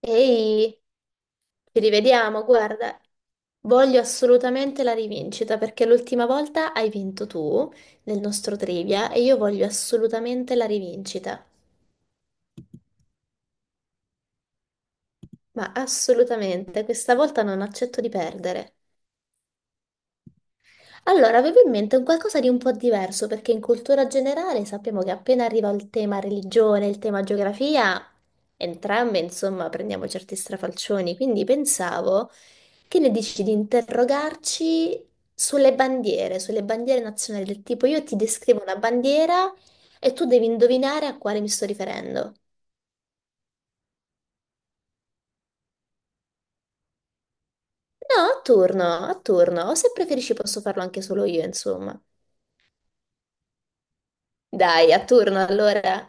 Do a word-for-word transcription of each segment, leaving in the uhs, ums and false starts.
Ehi, ci rivediamo, guarda, voglio assolutamente la rivincita perché l'ultima volta hai vinto tu nel nostro trivia e io voglio assolutamente la rivincita, ma assolutamente, questa volta non accetto di perdere. Allora, avevo in mente un qualcosa di un po' diverso, perché in cultura generale sappiamo che appena arriva il tema religione, il tema geografia, entrambe, insomma, prendiamo certi strafalcioni. Quindi pensavo, che ne dici di interrogarci sulle bandiere, sulle bandiere nazionali, del tipo io ti descrivo una bandiera e tu devi indovinare a quale mi sto riferendo. No, a turno, a turno, o se preferisci posso farlo anche solo io, insomma. Dai, a turno allora.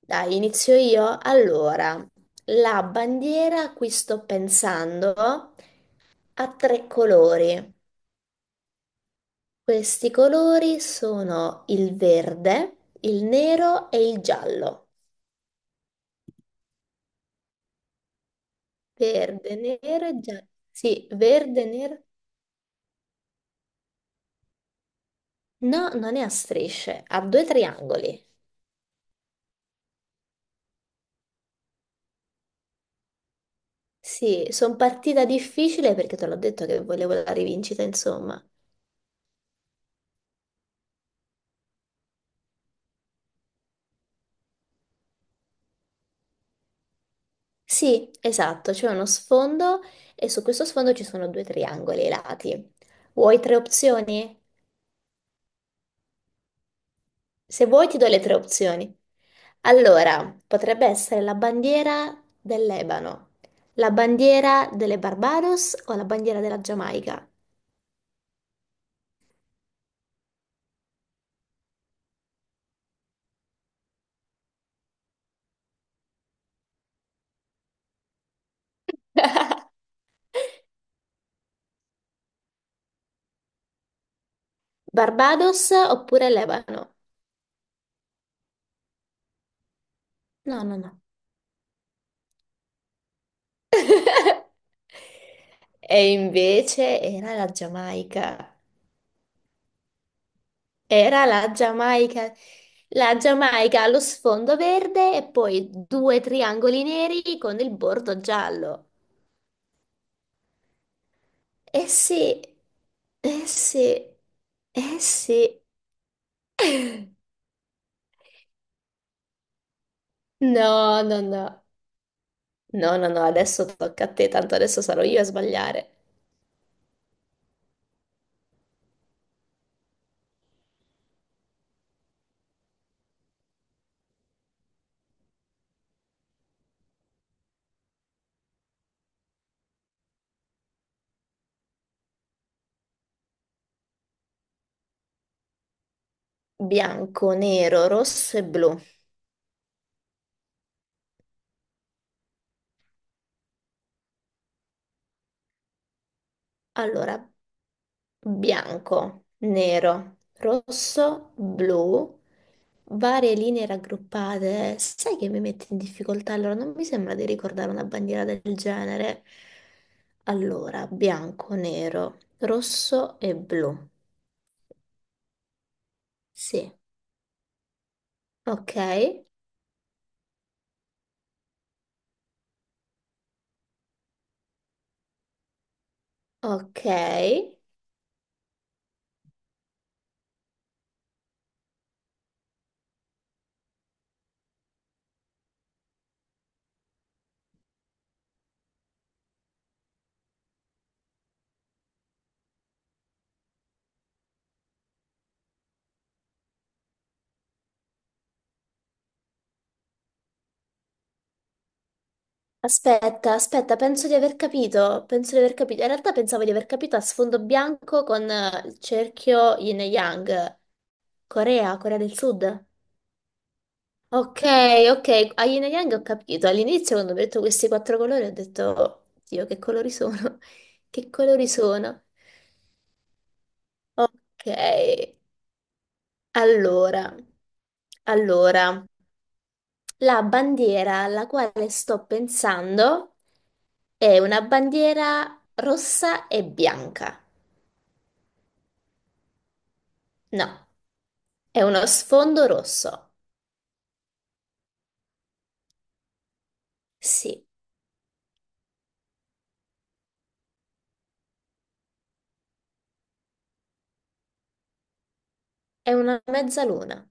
Dai, inizio io. Allora, la bandiera a cui sto pensando ha tre colori. Questi colori sono il verde, il nero e il giallo. Verde, nero e giallo. Sì, verde, nero. No, non è a strisce, ha due triangoli. Sì, sono partita difficile perché te l'ho detto che volevo la rivincita, insomma. Sì, esatto, c'è uno sfondo e su questo sfondo ci sono due triangoli ai lati. Vuoi tre opzioni? Se vuoi ti do le tre opzioni. Allora, potrebbe essere la bandiera del Lebano, la bandiera delle Barbados o la bandiera della Giamaica. Barbados oppure Lebano? No, no, no. E invece era la Giamaica. Era la Giamaica, la Giamaica allo sfondo verde e poi due triangoli neri con il bordo giallo. Eh sì, eh sì, eh sì. No, no, no, no, no, no, adesso tocca a te, tanto adesso sarò io a sbagliare. Bianco, nero, rosso e blu. Allora, bianco, nero, rosso, blu, varie linee raggruppate. Sai che mi metti in difficoltà? Allora, non mi sembra di ricordare una bandiera del genere. Allora, bianco, nero, rosso e blu. Sì, ok, ok. Aspetta, aspetta, penso di aver capito, penso di aver capito. In realtà pensavo di aver capito a sfondo bianco con eh, il cerchio yin e yang. Corea, Corea del Sud. Ok, ok, a Yin e Yang ho capito. All'inizio quando ho detto questi quattro colori ho detto, "Oh, Dio, che colori sono? Che colori sono?" Ok, allora, allora, la bandiera alla quale sto pensando è una bandiera rossa e bianca. No, è uno sfondo rosso. Sì, è una mezzaluna.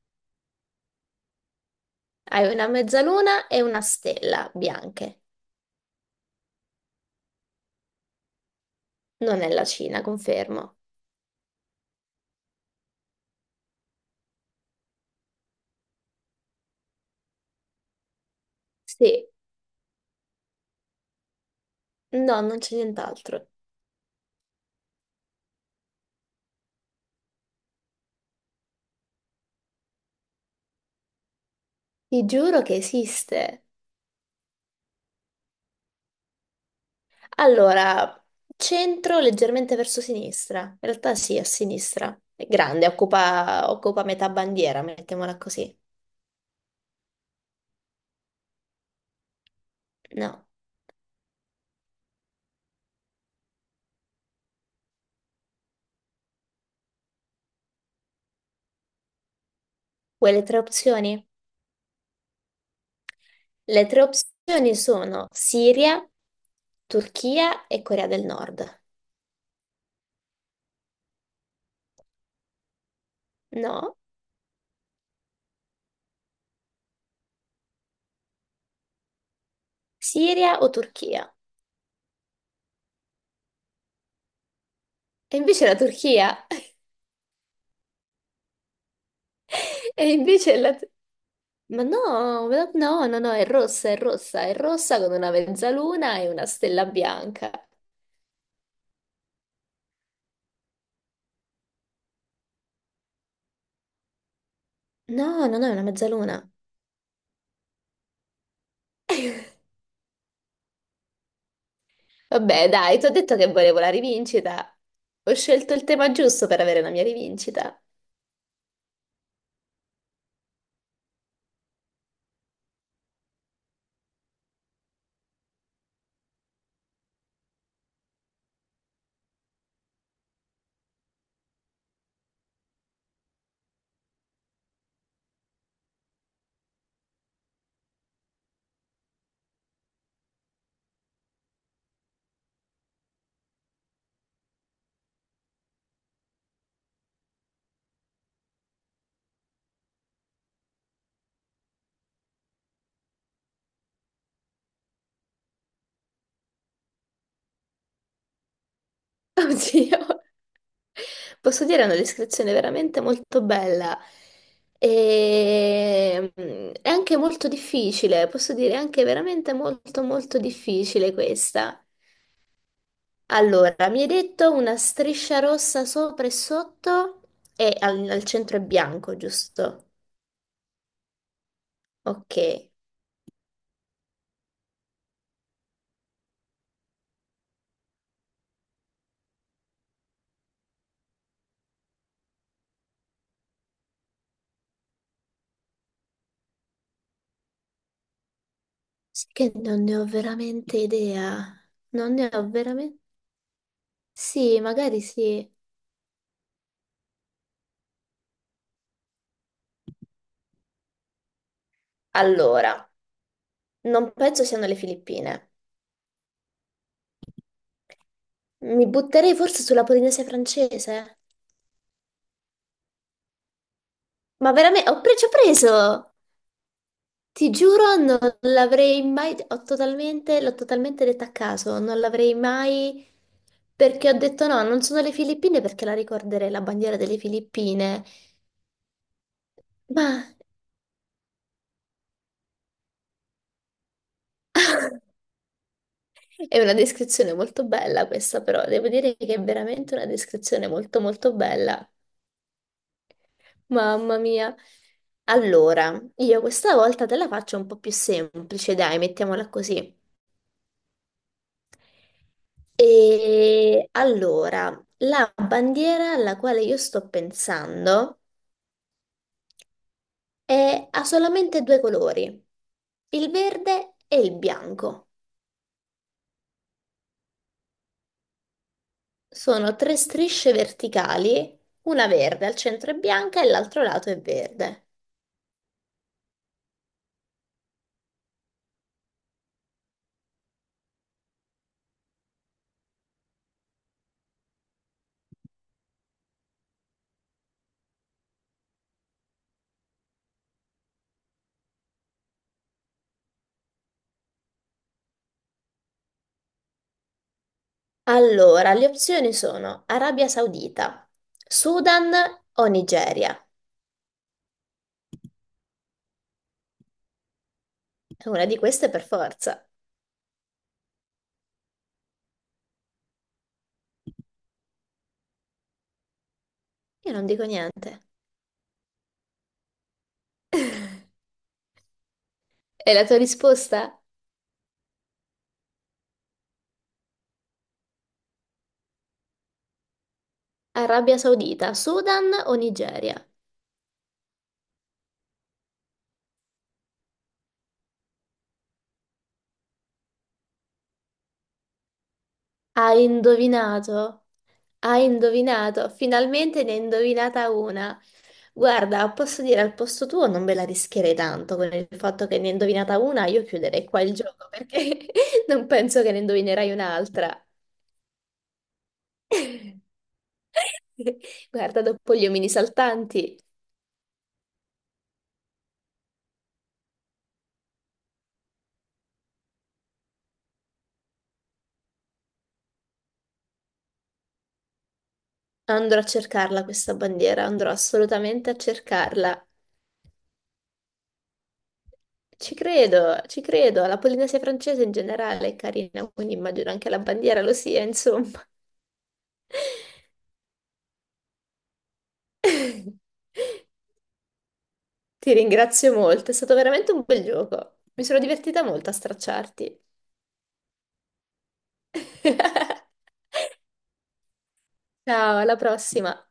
Hai una mezzaluna e una stella bianche. Non è la Cina, confermo. Sì, no, non c'è nient'altro. Ti giuro che esiste. Allora, centro leggermente verso sinistra. In realtà sì, a sinistra. È grande, occupa, occupa metà bandiera, mettiamola così. No. Vuoi le tre opzioni? Le tre opzioni sono Siria, Turchia e Corea del Nord. No? Siria o Turchia? E invece la Turchia. E invece la... Ma no, ma no, no, no, è rossa, è rossa, è rossa con una mezzaluna e una stella bianca. No, no, no, è una mezzaluna. Vabbè, dai, ti ho detto che volevo la rivincita. Ho scelto il tema giusto per avere la mia rivincita. Oddio. Posso dire, è una descrizione veramente molto bella. E... mm, È anche molto difficile, posso dire, è anche veramente molto, molto difficile questa. Allora, mi hai detto una striscia rossa sopra e sotto e al, al centro è bianco, giusto? Ok. Sì che non ne ho veramente idea. Non ne ho veramente... Sì, magari sì. Allora, non penso siano le Filippine. Mi butterei forse sulla Polinesia francese. Ma veramente. Ho pre- ci ho preso! Ti giuro, non l'avrei mai, ho totalmente, l'ho totalmente detta a caso, non l'avrei mai, perché ho detto no, non sono le Filippine perché la ricorderei la bandiera delle Filippine, ma è una descrizione molto bella questa però, devo dire che è veramente una descrizione molto molto bella, mamma mia. Allora, io questa volta te la faccio un po' più semplice, dai, mettiamola così. E allora, la bandiera alla quale io sto pensando e ha solamente due colori, il verde e il bianco. Sono tre strisce verticali, una verde al centro è bianca e l'altro lato è verde. Allora, le opzioni sono Arabia Saudita, Sudan o Nigeria. E una di queste per forza. Io non dico niente. E la tua risposta? Arabia Saudita, Sudan o Nigeria? Hai indovinato? Hai indovinato? Finalmente ne hai indovinata una. Guarda, posso dire al posto tuo non me la rischierei tanto con il fatto che ne hai indovinata una, io chiuderei qua il gioco perché non penso che ne indovinerai un'altra. Guarda, dopo gli omini saltanti andrò a cercarla questa bandiera, andrò assolutamente a cercarla. Ci credo, ci credo. La Polinesia francese in generale è carina, quindi immagino anche la bandiera lo sia, insomma. Ti ringrazio molto, è stato veramente un bel gioco. Mi sono divertita molto a stracciarti. Ciao, alla prossima.